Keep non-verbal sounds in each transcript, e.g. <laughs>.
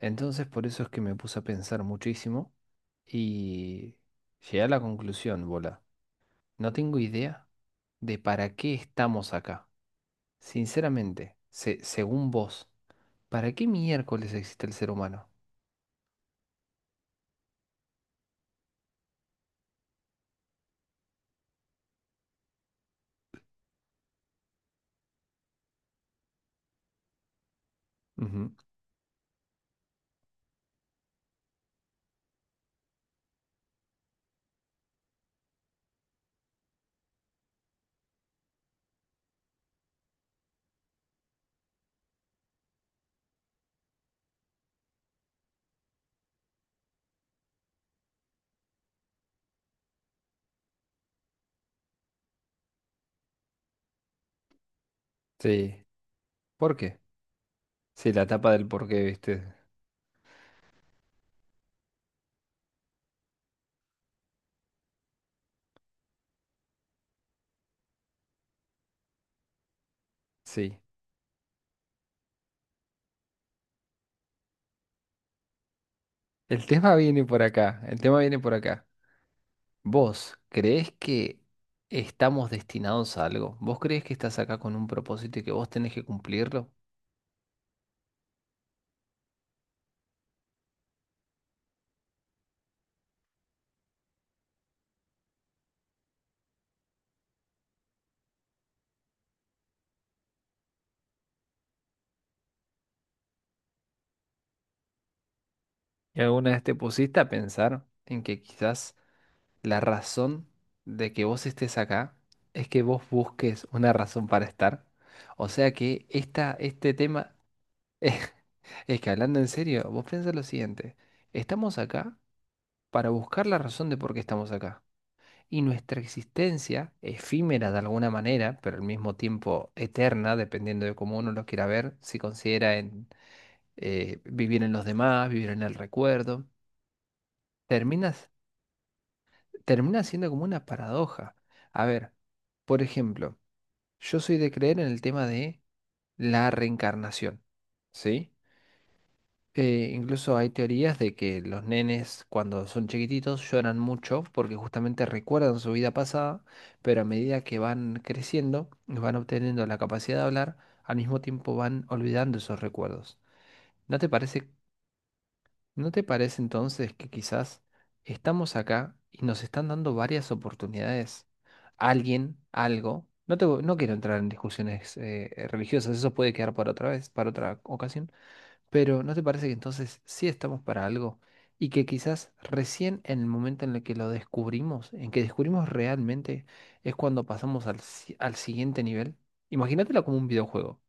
Entonces por eso es que me puse a pensar muchísimo y llegué a la conclusión, bola. No tengo idea de para qué estamos acá. Sinceramente, según vos, ¿para qué miércoles existe el ser humano? Ujú. Sí. ¿Por qué? Sí, la tapa del por qué, ¿viste? Sí. El tema viene por acá, el tema viene por acá. ¿Vos creés que estamos destinados a algo? ¿Vos creés que estás acá con un propósito y que vos tenés que cumplirlo? ¿Y alguna vez te pusiste a pensar en que quizás la razón de que vos estés acá es que vos busques una razón para estar? O sea que esta, este tema <laughs> es, que hablando en serio, vos piensa lo siguiente, estamos acá para buscar la razón de por qué estamos acá. Y nuestra existencia, efímera de alguna manera, pero al mismo tiempo eterna, dependiendo de cómo uno lo quiera ver, si considera en vivir en los demás, vivir en el recuerdo termina termina siendo como una paradoja. A ver, por ejemplo, yo soy de creer en el tema de la reencarnación, ¿sí? Incluso hay teorías de que los nenes cuando son chiquititos lloran mucho porque justamente recuerdan su vida pasada, pero a medida que van creciendo y van obteniendo la capacidad de hablar, al mismo tiempo van olvidando esos recuerdos. ¿No te parece ¿No te parece entonces que quizás estamos acá y nos están dando varias oportunidades? Alguien, algo. No quiero entrar en discusiones religiosas, eso puede quedar para otra vez, para otra ocasión, pero ¿no te parece que entonces sí estamos para algo y que quizás recién en el momento en el que lo descubrimos, en que descubrimos realmente, es cuando pasamos al, si- al siguiente nivel? Imagínatelo como un videojuego.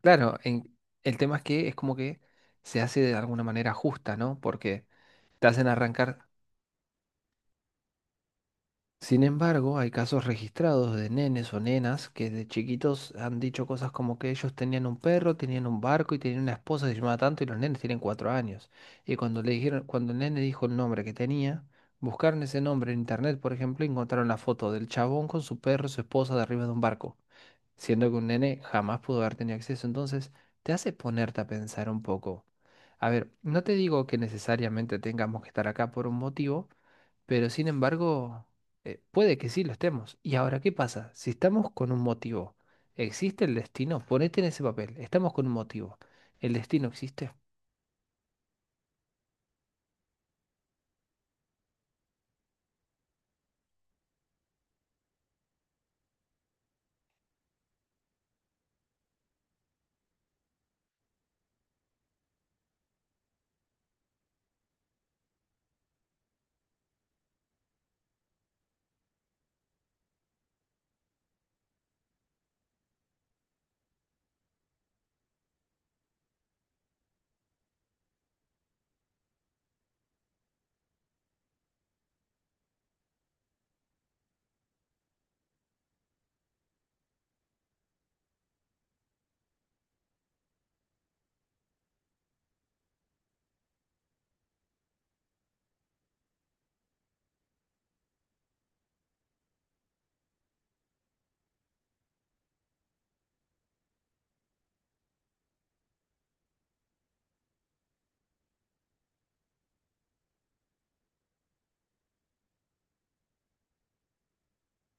Claro. El tema es que es como que se hace de alguna manera justa, ¿no? Porque te hacen arrancar. Sin embargo, hay casos registrados de nenes o nenas que de chiquitos han dicho cosas como que ellos tenían un perro, tenían un barco y tenían una esposa que se llamaba tanto y los nenes tienen 4 años. Y cuando le dijeron, cuando el nene dijo el nombre que tenía, buscaron ese nombre en internet, por ejemplo, y encontraron la foto del chabón con su perro y su esposa de arriba de un barco, siendo que un nene jamás pudo haber tenido acceso. Entonces, te hace ponerte a pensar un poco. A ver, no te digo que necesariamente tengamos que estar acá por un motivo, pero sin embargo. Puede que sí lo estemos. ¿Y ahora qué pasa? Si estamos con un motivo, ¿existe el destino? Ponete en ese papel. Estamos con un motivo. ¿El destino existe?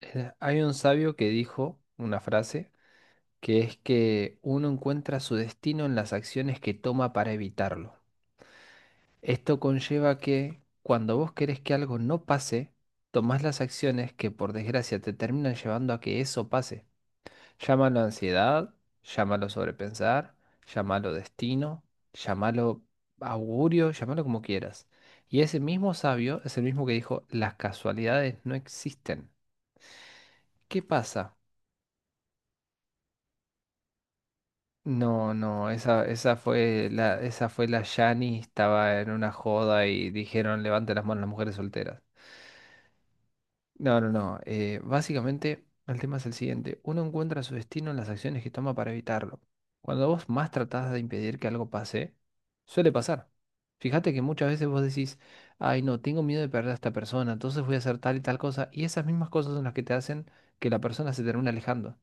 Hay un sabio que dijo una frase que es que uno encuentra su destino en las acciones que toma para evitarlo. Esto conlleva que cuando vos querés que algo no pase, tomás las acciones que por desgracia te terminan llevando a que eso pase. Llámalo ansiedad, llámalo sobrepensar, llámalo destino, llámalo augurio, llámalo como quieras. Y ese mismo sabio es el mismo que dijo, las casualidades no existen. ¿Qué pasa? No, no, esa, esa fue la Yani, estaba en una joda y dijeron, levante las manos las mujeres solteras. No, no, no. Básicamente, el tema es el siguiente. Uno encuentra su destino en las acciones que toma para evitarlo. Cuando vos más tratás de impedir que algo pase, suele pasar. Fíjate que muchas veces vos decís, ay, no, tengo miedo de perder a esta persona, entonces voy a hacer tal y tal cosa, y esas mismas cosas son las que te hacen que la persona se termine alejando.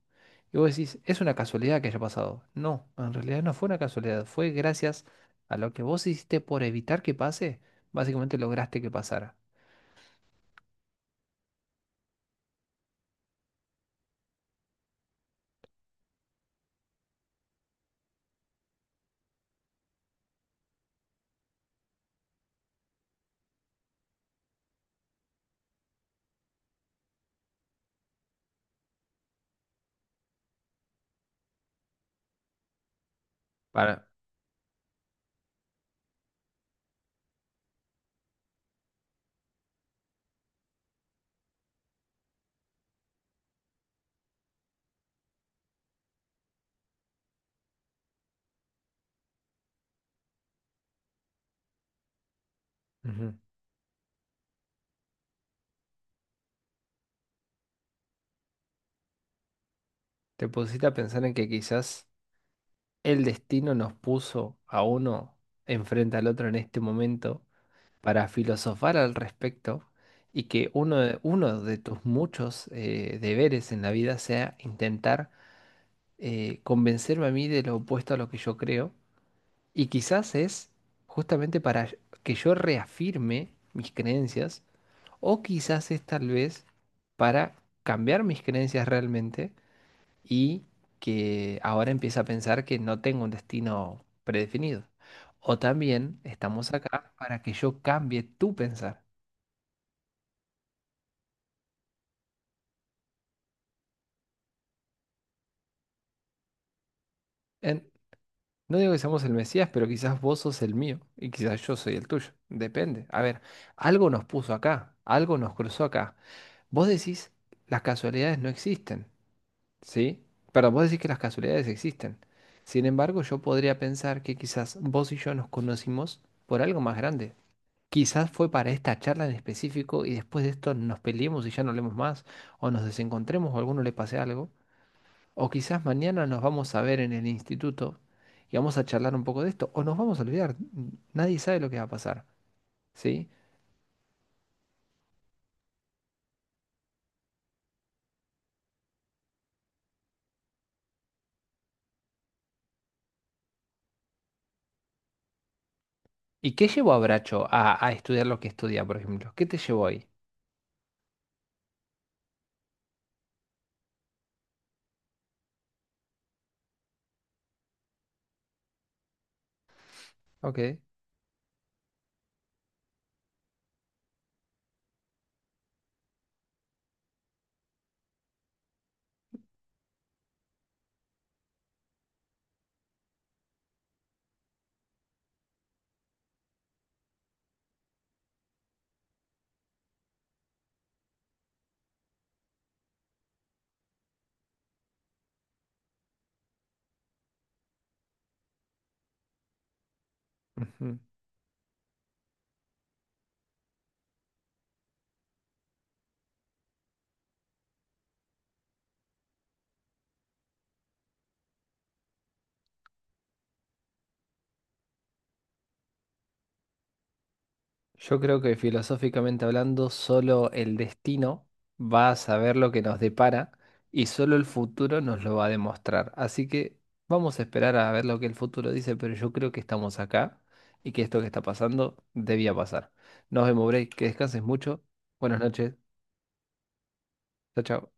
Y vos decís, es una casualidad que haya pasado. No, en realidad no fue una casualidad, fue gracias a lo que vos hiciste por evitar que pase, básicamente lograste que pasara. Para. Ujú. ¿Te pusiste a pensar en que quizás el destino nos puso a uno enfrente al otro en este momento para filosofar al respecto y que uno de tus muchos deberes en la vida sea intentar convencerme a mí de lo opuesto a lo que yo creo? Y quizás es justamente para que yo reafirme mis creencias o quizás es tal vez para cambiar mis creencias realmente y que ahora empieza a pensar que no tengo un destino predefinido. O también estamos acá para que yo cambie tu pensar. En- no digo que seamos el Mesías, pero quizás vos sos el mío y quizás yo soy el tuyo. Depende. A ver, algo nos puso acá, algo nos cruzó acá. Vos decís, las casualidades no existen, ¿sí? Perdón, vos decís que las casualidades existen. Sin embargo, yo podría pensar que quizás vos y yo nos conocimos por algo más grande. Quizás fue para esta charla en específico y después de esto nos peleemos y ya no hablemos más, o nos desencontremos o a alguno le pase algo, o quizás mañana nos vamos a ver en el instituto y vamos a charlar un poco de esto, o nos vamos a olvidar, nadie sabe lo que va a pasar, ¿sí? ¿Y qué llevó a Bracho a estudiar lo que estudia, por ejemplo? ¿Qué te llevó ahí? Ok. Ujú. Yo creo que filosóficamente hablando, solo el destino va a saber lo que nos depara y solo el futuro nos lo va a demostrar. Así que vamos a esperar a ver lo que el futuro dice, pero yo creo que estamos acá y que esto que está pasando debía pasar. Nos vemos, Bray, que descanses mucho. Buenas noches. Chao, chao.